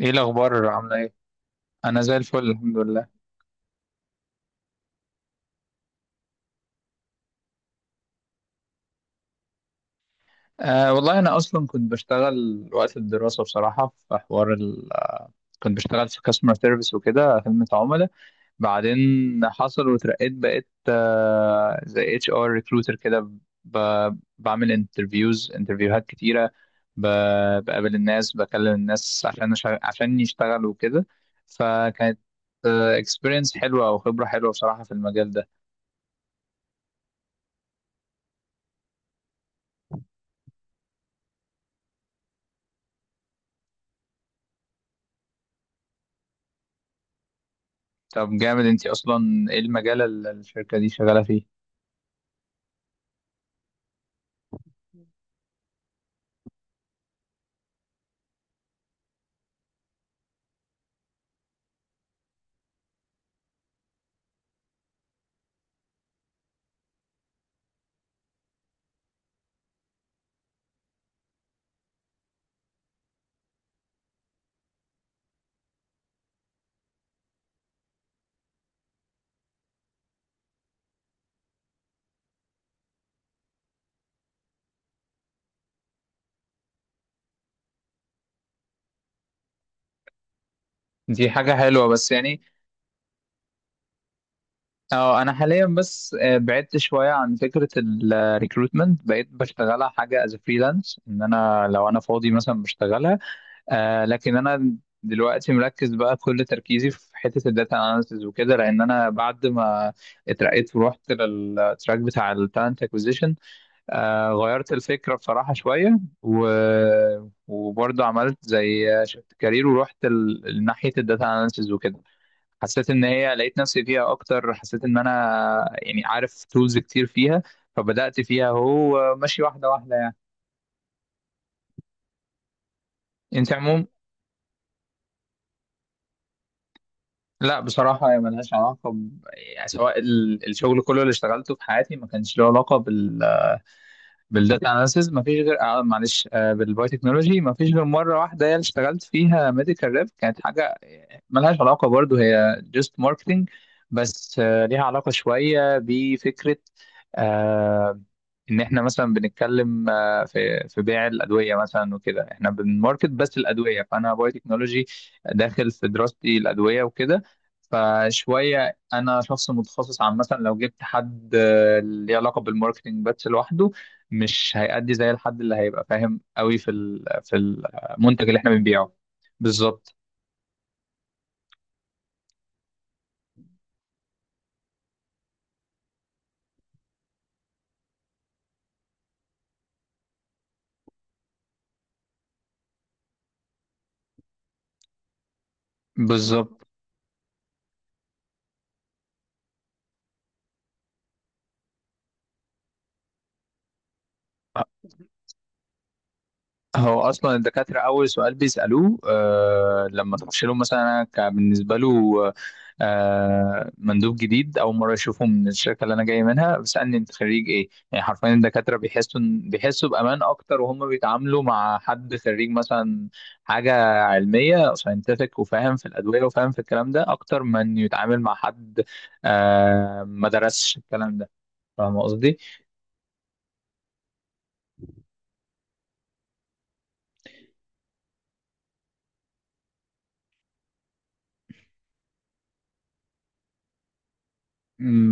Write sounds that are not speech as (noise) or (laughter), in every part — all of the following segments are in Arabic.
ايه الاخبار عامله ايه؟ انا زي الفل، الحمد لله. آه والله، انا اصلا كنت بشتغل وقت الدراسه بصراحه في حوار ال آه، كنت بشتغل في كاستمر سيرفيس وكده، خدمه عملاء. بعدين حصل واترقيت، بقيت زي اتش ار ريكروتر كده. بعمل انترفيوهات كتيره، بقابل الناس، بكلم الناس عشان عشان يشتغلوا وكده. فكانت اكسبيرينس حلوه او خبره حلوه بصراحه في المجال ده. طب جامد، انت اصلا ايه المجال اللي الشركه دي شغاله فيه؟ دي حاجه حلوه، بس يعني اه انا حاليا بس بعدت شويه عن فكره الريكروتمنت، بقيت بشتغلها حاجه از فريلانس، ان انا لو انا فاضي مثلا بشتغلها. لكن انا دلوقتي مركز بقى، كل تركيزي في حته الداتا اناليسز وكده، لان انا بعد ما اترقيت ورحت للتراك بتاع التالنت اكوزيشن. غيرت الفكرة بصراحة شوية و وبرضه عملت زي شفت كارير، ورحت لناحية الداتا اناليسز وكده. حسيت ان هي لقيت نفسي فيها اكتر، حسيت ان انا يعني عارف تولز كتير فيها، فبدأت فيها، هو ماشي واحدة واحدة يعني. انت عموم. لا بصراحة، هي ملهاش علاقة ب يعني سواء الشغل كله اللي اشتغلته في حياتي ما كانش له علاقة بال بالداتا اناليسز، ما فيش غير معلش بالبايو تكنولوجي، ما فيش غير مرة واحدة، هي اللي اشتغلت فيها ميديكال ريب كانت حاجة ملهاش علاقة برضو، هي just marketing. بس ليها علاقة شوية بفكرة، آه، إن إحنا مثلا بنتكلم، في بيع الأدوية مثلا وكده، إحنا بنماركت بس الأدوية، فأنا باي تكنولوجي داخل في دراستي الأدوية وكده. فشوية أنا شخص متخصص، عن مثلا لو جبت حد ليه علاقة بالماركتينج بس لوحده، مش هيأدي زي الحد اللي هيبقى فاهم قوي في المنتج اللي إحنا بنبيعه. بالظبط، بالظبط. هو اصلا الدكاتره اول سؤال بيسالوه لما تخش لهم، مثلا انا كان بالنسبه له مندوب جديد اول مره اشوفه من الشركه اللي انا جاي منها، بيسالني انت خريج ايه، يعني حرفيا الدكاتره بيحسوا بيحسوا بامان اكتر وهم بيتعاملوا مع حد خريج مثلا حاجه علميه ساينتفك، وفاهم في الادويه، وفاهم في الكلام ده اكتر من يتعامل مع حد ما درسش الكلام ده، فاهم قصدي؟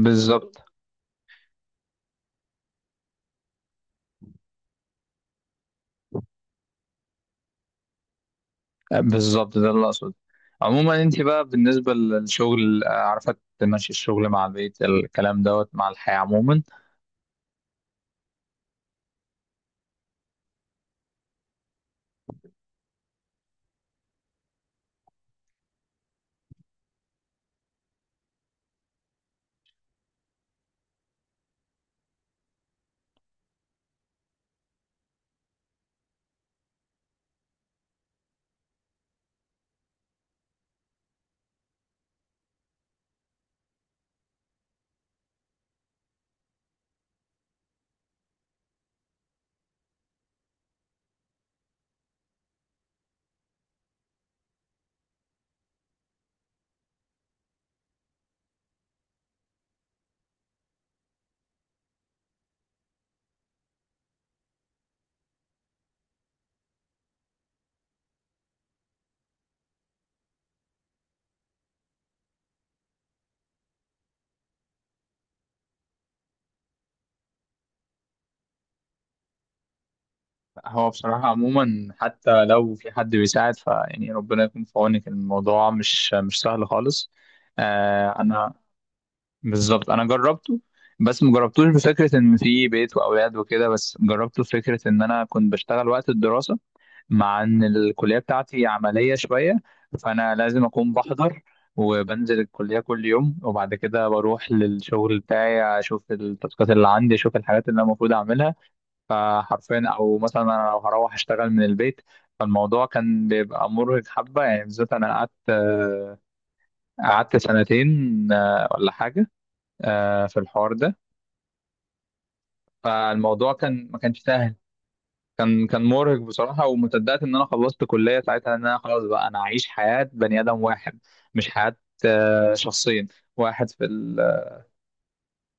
بالظبط، بالظبط، ده اللي اقصده. عموما، انت بقى بالنسبه للشغل عارفه تمشي الشغل مع البيت الكلام دوت مع الحياه عموما؟ هو بصراحه عموما، حتى لو في حد بيساعد فيعني ربنا يكون في عونك، الموضوع مش سهل خالص. انا بالظبط، انا جربته. بس مجربتوش بفكره ان في بيت واولاد وكده، بس جربته فكره ان انا كنت بشتغل وقت الدراسه. مع ان الكليه بتاعتي عمليه شويه، فانا لازم اكون بحضر، وبنزل الكليه كل يوم، وبعد كده بروح للشغل بتاعي، اشوف التاسكات اللي عندي، اشوف الحاجات اللي انا المفروض اعملها. فحرفيا، او مثلا انا لو هروح اشتغل من البيت، فالموضوع كان بيبقى مرهق حبه، يعني بالذات انا قعدت، قعدت سنتين ولا حاجه في الحوار ده. فالموضوع كان، ما كانش سهل. كان مرهق بصراحة، وما صدقت إن أنا خلصت كلية ساعتها إن أنا خلاص بقى أنا أعيش حياة بني آدم واحد، مش حياة شخصين، واحد في ال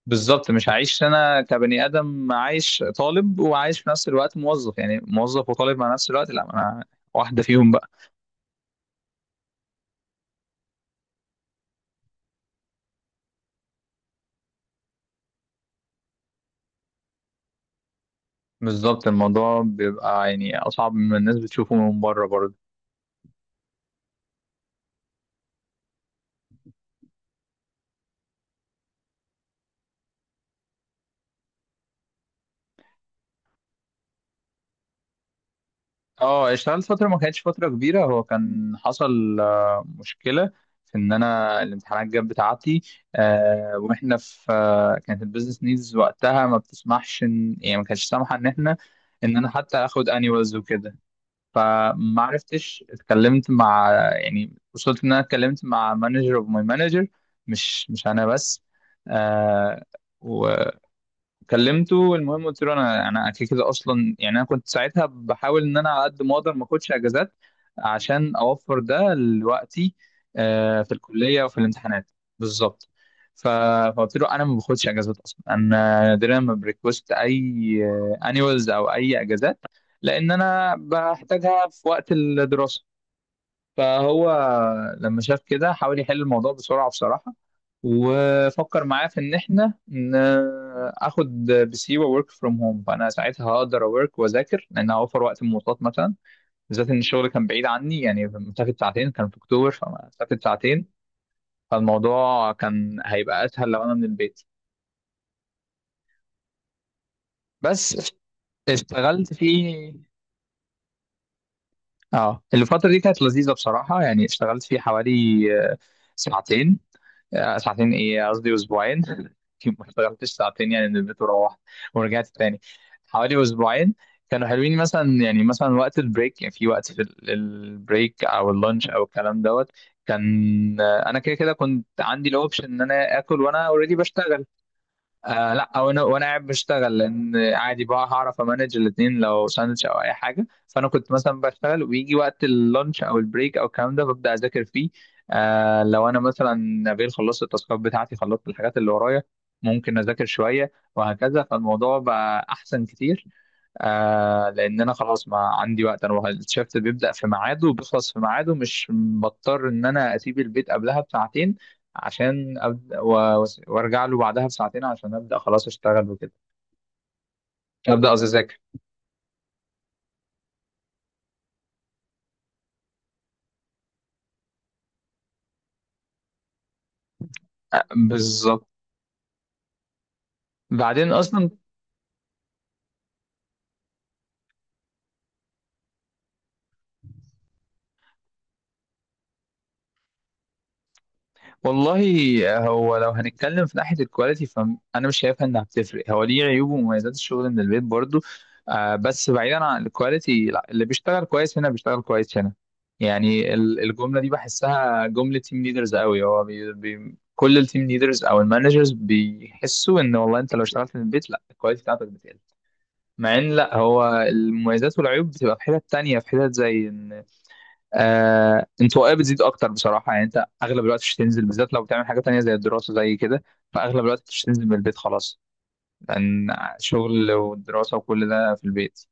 بالظبط، مش هعيش أنا كبني آدم عايش طالب وعايش في نفس الوقت موظف، يعني موظف وطالب مع نفس الوقت، لا أنا واحدة فيهم بقى. بالظبط، الموضوع بيبقى يعني أصعب مما الناس بتشوفه من بره برضه. اه، اشتغلت فترة، ما كانتش فترة كبيرة. هو كان حصل مشكلة، في ان انا الامتحانات جت بتاعتي واحنا في كانت البيزنس نيدز وقتها ما بتسمحش ان، يعني ما كانتش سامحة ان احنا ان انا حتى اخد انيوالز وكده. فما عرفتش، اتكلمت مع، يعني وصلت ان انا اتكلمت مع مانجر اوف ماي مانجر، مش انا بس. كلمته، المهم قلت له انا كده كده اصلا، يعني انا كنت ساعتها بحاول ان انا على قد ما اقدر ما اخدش اجازات، عشان اوفر ده لوقتي في الكليه وفي الامتحانات. بالظبط. ف- فقلت له انا ما باخدش اجازات اصلا، انا نادرا ما بريكوست اي انيوالز او اي اجازات، لان انا بحتاجها في وقت الدراسه. فهو لما شاف كده حاول يحل الموضوع بسرعة بصراحة، وفكر معاه في ان احنا اخد بسيوة ورك فروم هوم، فانا ساعتها هقدر اورك واذاكر لان هوفر وقت المواصلات مثلا، بالذات ان الشغل كان بعيد عني، يعني مسافة ساعتين كان في اكتوبر، فمسافة ساعتين فالموضوع كان هيبقى اسهل لو انا من البيت. بس اشتغلت فيه. اه، الفترة دي كانت لذيذة بصراحة، يعني اشتغلت فيه حوالي آه، ساعتين، ساعتين ايه قصدي اسبوعين (laughs) ما اشتغلتش ساعتين يعني، نزلت وروحت ورجعت تاني، حوالي اسبوعين. كانوا حلوين، مثلا يعني مثلا وقت البريك، يعني في وقت البريك او اللانش او الكلام دوت، كان، انا كده كده كنت عندي الاوبشن ان انا اكل وانا اوريدي بشتغل. لا وانا قاعد بشتغل، لان عادي بقى هعرف امانج الاثنين لو ساندوتش او اي حاجه، فانا كنت مثلا بشتغل ويجي وقت اللانش او البريك او الكلام ده ببدا اذاكر فيه. لو انا مثلا نبيل خلصت التاسكات بتاعتي، خلصت الحاجات اللي ورايا، ممكن اذاكر شويه وهكذا، فالموضوع بقى احسن كتير. لان انا خلاص ما عندي وقت، انا الشفت بيبدا في ميعاده وبيخلص في ميعاده، مش بضطر ان انا اسيب البيت قبلها بساعتين عشان ابدا وارجع له بعدها بساعتين عشان ابدا خلاص اشتغل وكده. ابدا، قصدي اذاكر. بالظبط. بعدين اصلا والله، هو لو هنتكلم في ناحية الكواليتي فأنا مش شايفها إنها بتفرق، هو ليه عيوب ومميزات الشغل من البيت برضو. بس بعيدا عن الكواليتي، لا اللي بيشتغل كويس هنا بيشتغل كويس هنا. يعني الجملة دي بحسها جملة تيم ليدرز قوي، هو بي بي كل التيم ليدرز أو المانجرز بيحسوا إن والله أنت لو اشتغلت من البيت، لا الكواليتي بتاعتك بتقل. مع إن لا، هو المميزات والعيوب بتبقى في حتت تانية، في حتت زي إن انطوائيه بتزيد اكتر بصراحه، يعني انت اغلب الوقت مش هتنزل بالذات لو بتعمل حاجه تانية زي الدراسه زي كده، فاغلب الوقت مش هتنزل من البيت خلاص، لان شغل ودراسه وكل ده في البيت.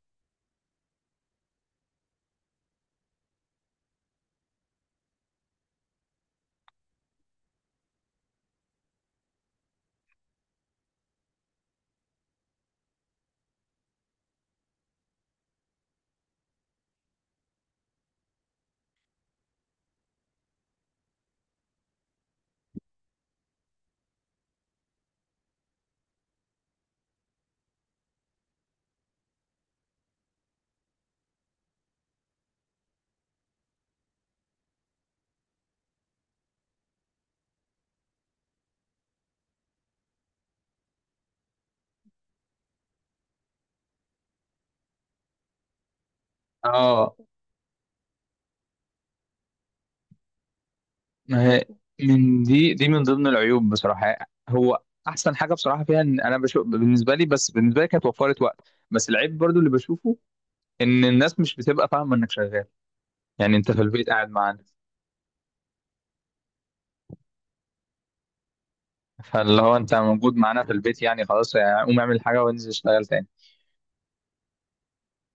اه، ما هي من دي من ضمن العيوب بصراحه. هو احسن حاجه بصراحه فيها ان انا بشوف، بالنسبه لي، بس بالنسبه لي كانت وفرت وقت. بس العيب برضو اللي بشوفه ان الناس مش بتبقى فاهمه انك شغال، يعني انت في البيت قاعد معانا. فاللي هو انت موجود معانا في البيت، يعني خلاص، يعني قوم اعمل حاجه وانزل اشتغل تاني.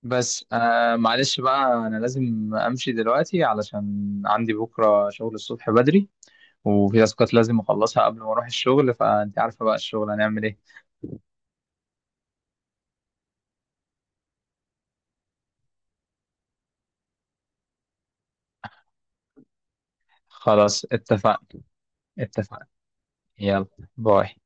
بس معلش بقى، انا لازم امشي دلوقتي علشان عندي بكره شغل الصبح بدري، وفي تاسكات لازم اخلصها قبل ما اروح الشغل، فانت عارفه بقى الشغل هنعمل ايه. خلاص، اتفقنا. اتفقنا. يلا، باي.